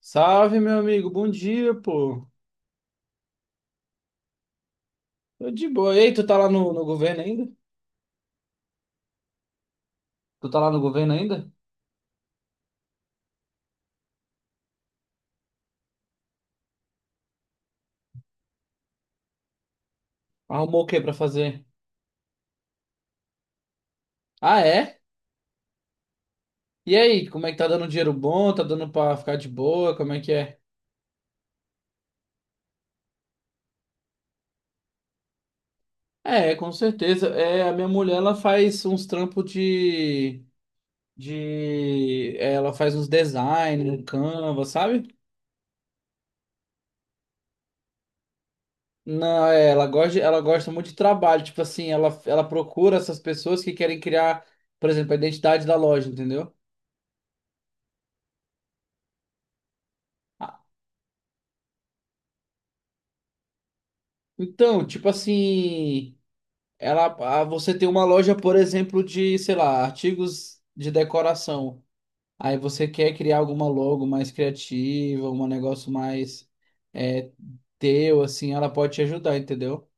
Salve, meu amigo. Bom dia, pô. Tô de boa. Ei, tu tá lá no governo ainda? Tu tá lá no governo ainda? Arrumou o que pra fazer? Ah, é? E aí, como é que tá dando dinheiro bom? Tá dando pra ficar de boa? Como é que é? É, com certeza. É, a minha mulher, ela faz uns trampos Ela faz uns design, um Canva, sabe? Não, é, ela gosta, ela gosta muito de trabalho. Tipo assim, ela procura essas pessoas que querem criar, por exemplo, a identidade da loja, entendeu? Ah, Então, tipo assim, ela, ah, você tem uma loja, por exemplo, de, sei lá, artigos de decoração. Aí você quer criar alguma logo mais criativa, um negócio mais é, teu, assim, ela pode te ajudar, entendeu?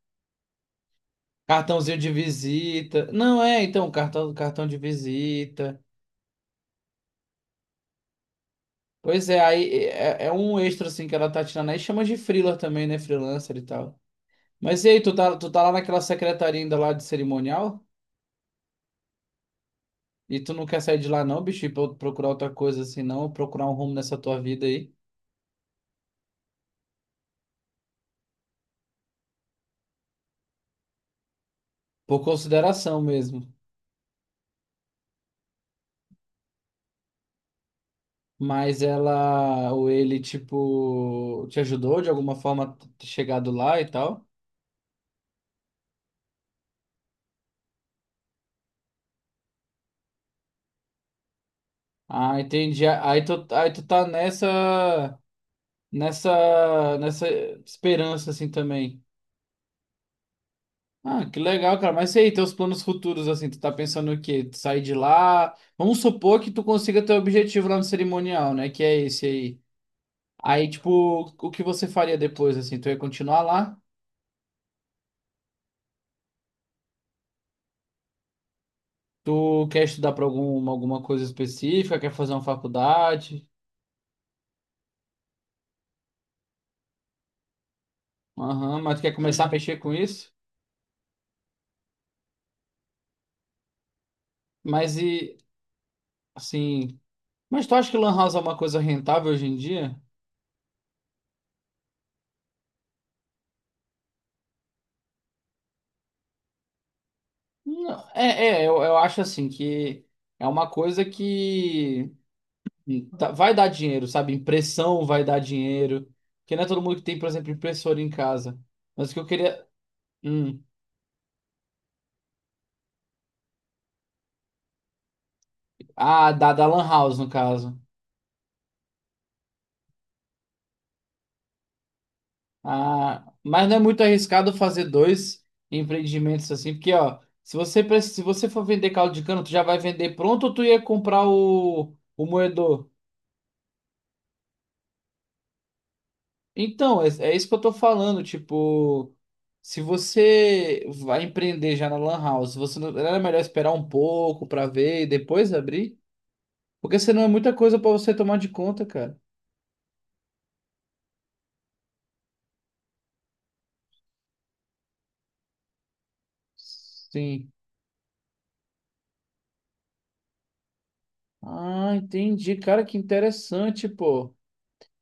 Cartãozinho de visita. Não é, então, cartão de visita. Pois é, aí é, é um extra, assim, que ela tá tirando aí. Chama de freela também, né? Freelancer e tal. Mas e aí, tu tá lá naquela secretaria ainda lá de cerimonial? E tu não quer sair de lá não, bicho, e procurar outra coisa assim, não, procurar um rumo nessa tua vida aí, por consideração mesmo. Mas ela ou ele, tipo, te ajudou de alguma forma a ter chegado lá e tal? Ah, entendi. Aí tu tá nessa esperança assim também. Ah, que legal, cara. Mas e aí, teus planos futuros, assim, tu tá pensando o quê? Tu sair de lá? Vamos supor que tu consiga teu objetivo lá no cerimonial, né? Que é esse aí. Aí, tipo, o que você faria depois, assim? Tu ia continuar lá? Tu quer estudar pra alguma coisa específica? Quer fazer uma faculdade? Aham, mas tu quer começar a mexer com isso? Mas e, assim... Mas tu acha que lan house é uma coisa rentável hoje em dia? Não, é, é, eu acho, assim, que é uma coisa que tá- vai dar dinheiro, sabe? Impressão vai dar dinheiro. Porque não é todo mundo que tem, por exemplo, impressora em casa. Mas o que eu queria... Hum, ah, da lan house, no caso. Ah, mas não é muito arriscado fazer dois empreendimentos assim, porque ó, se você se você for vender caldo de cana, tu já vai vender pronto ou tu ia comprar o moedor? Então, é, é isso que eu tô falando, tipo, se você vai empreender já na Lan House, você não era melhor esperar um pouco pra ver e depois abrir? Porque senão é muita coisa pra você tomar de conta, cara. Sim. Ah, entendi, cara, que interessante, pô.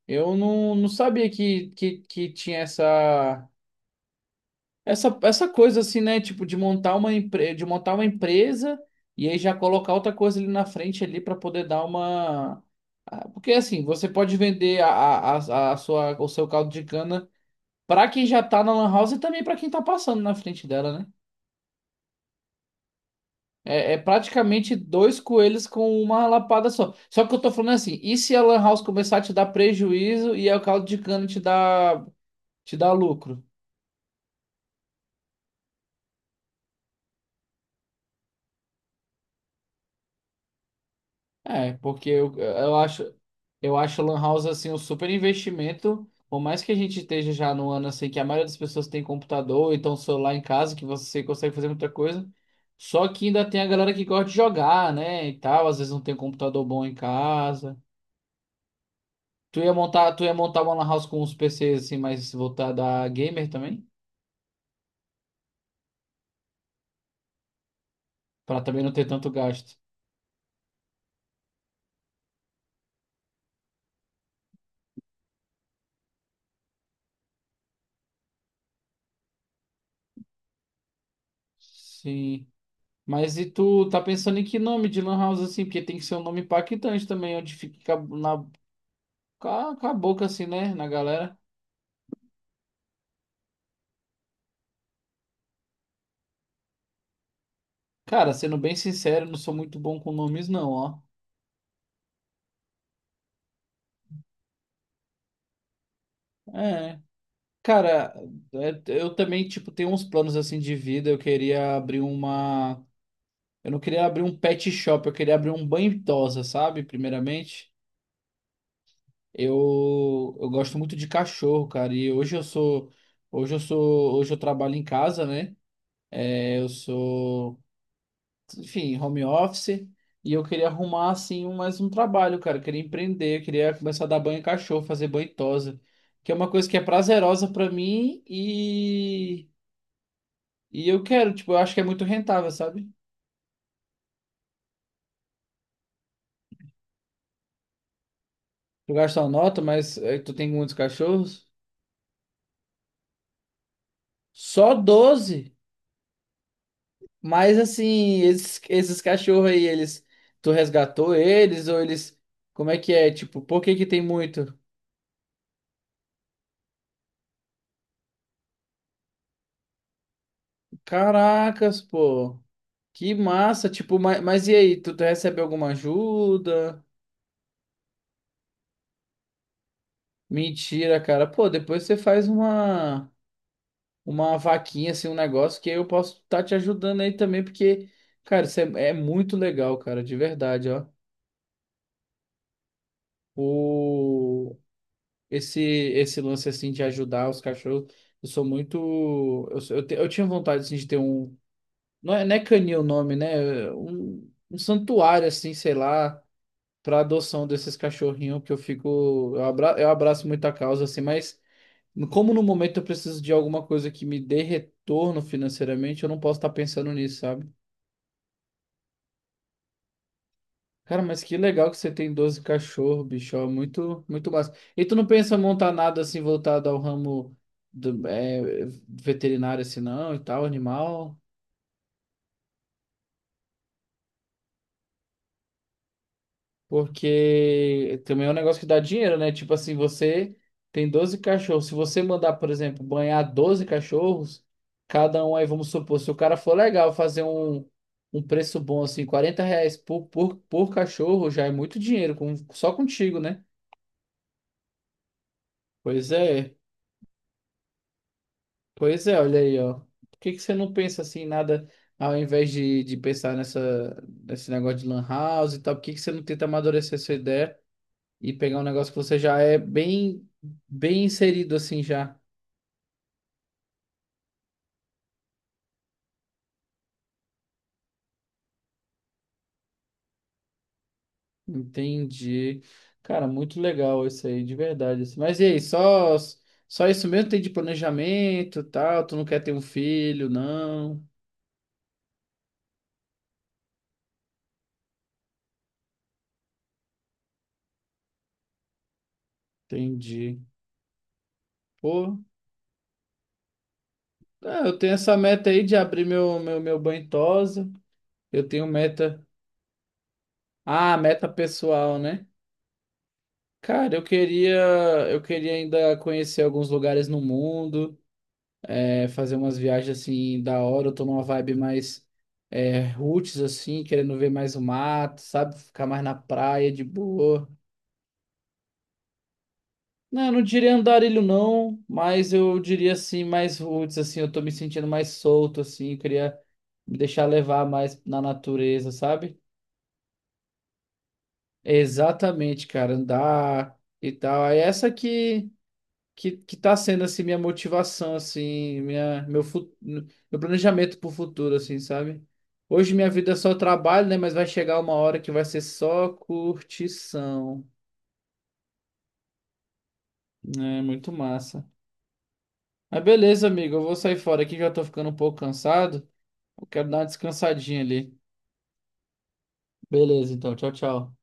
Eu não, não sabia que tinha essa, essa coisa assim, né? Tipo, de montar uma empre, de montar uma empresa e aí já colocar outra coisa ali na frente ali para poder dar uma. Ah, porque assim, você pode vender a sua, o seu caldo de cana para quem já tá na lan house e também para quem tá passando na frente dela, né? É, é praticamente dois coelhos com uma lapada só. Só que eu tô falando assim, e se a lan house começar a te dar prejuízo e aí o caldo de cana te dá lucro? É, porque eu acho Lan House assim um super investimento. Por mais que a gente esteja já no ano assim que a maioria das pessoas tem computador, então celular em casa, que você consegue fazer muita coisa. Só que ainda tem a galera que gosta de jogar, né, e tal, às vezes não tem um computador bom em casa. Tu ia montar uma Lan House com uns PCs assim mais voltada a gamer também, pra também não ter tanto gasto. Sim. Mas e tu tá pensando em que nome de Lan House assim? Porque tem que ser um nome impactante também, onde fica na... Com com a boca assim, né, na galera. Cara, sendo bem sincero, não sou muito bom com nomes, não, ó. É. Cara, é, eu também, tipo, tenho uns planos assim de vida. Eu queria abrir uma. Eu não queria abrir um pet shop, eu queria abrir um banho tosa, sabe? Primeiramente. Eu gosto muito de cachorro, cara. E hoje eu sou. Hoje eu sou. Hoje eu trabalho em casa, né? É, eu sou, enfim, home office, e eu queria arrumar assim mais um trabalho, cara, eu queria empreender, eu queria começar a dar banho em cachorro, fazer banho em tosa, que é uma coisa que é prazerosa pra mim e eu quero, tipo, eu acho que é muito rentável, sabe? Tu gasta uma nota, mas eh, tu tem muitos cachorros? Só doze? Mas assim, esses cachorros aí, eles... tu resgatou eles ou eles... Como é que é? Tipo, por que que tem muito? Caracas, pô. Que massa, tipo, mas e aí, tu recebe alguma ajuda? Mentira, cara. Pô, depois você faz uma vaquinha, assim, um negócio que eu posso estar te ajudando aí também, porque, cara, isso é, é muito legal, cara, de verdade, ó. O, esse lance, assim, de ajudar os cachorros, eu sou muito... Eu, sou- eu, te- eu tinha vontade, assim, de ter um... Não é, não é canil o nome, né? É um, um santuário, assim, sei lá, para adoção desses cachorrinhos que eu fico. Eu abraço muita causa, assim, mas como no momento eu preciso de alguma coisa que me dê retorno financeiramente, eu não posso estar pensando nisso, sabe? Cara, mas que legal que você tem 12 cachorros, bicho. Ó, muito, muito massa. E tu não pensa em montar nada assim voltado ao ramo é, veterinário, assim, não, e tal, animal? Porque também é um negócio que dá dinheiro, né? Tipo assim, você tem 12 cachorros. Se você mandar, por exemplo, banhar 12 cachorros, cada um aí, vamos supor, se o cara for legal fazer um preço bom, assim, 40 reais por cachorro, já é muito dinheiro, com, só contigo, né? Pois é, pois é, olha aí, ó. Por que que você não pensa assim, em nada, ao invés de pensar nessa, nesse negócio de lan house e tal, por que que você não tenta amadurecer essa ideia? E pegar um negócio que você já é bem inserido assim já. Entendi. Cara, muito legal isso aí, de verdade, assim. Mas e aí, só isso mesmo tem de planejamento, e tal? Tu não quer ter um filho, não? Entendi. Pô, é, eu tenho essa meta aí de abrir meu banho tosa. Eu tenho meta. Ah, meta pessoal, né? Cara, eu queria ainda conhecer alguns lugares no mundo. É, fazer umas viagens assim da hora. Eu tô numa vibe mais é, roots, assim, querendo ver mais o mato, sabe? Ficar mais na praia de boa. Não, eu não diria andarilho, não, mas eu diria assim, mais roots, assim, eu tô me sentindo mais solto, assim, eu queria me deixar levar mais na natureza, sabe? Exatamente, cara, andar e tal. Aí essa que... que tá sendo assim minha motivação assim, minha meu planejamento pro futuro assim, sabe? Hoje minha vida é só trabalho, né, mas vai chegar uma hora que vai ser só curtição. É muito massa. Mas beleza, amigo, eu vou sair fora aqui, já tô ficando um pouco cansado. Eu quero dar uma descansadinha ali. Beleza, então, tchau, tchau.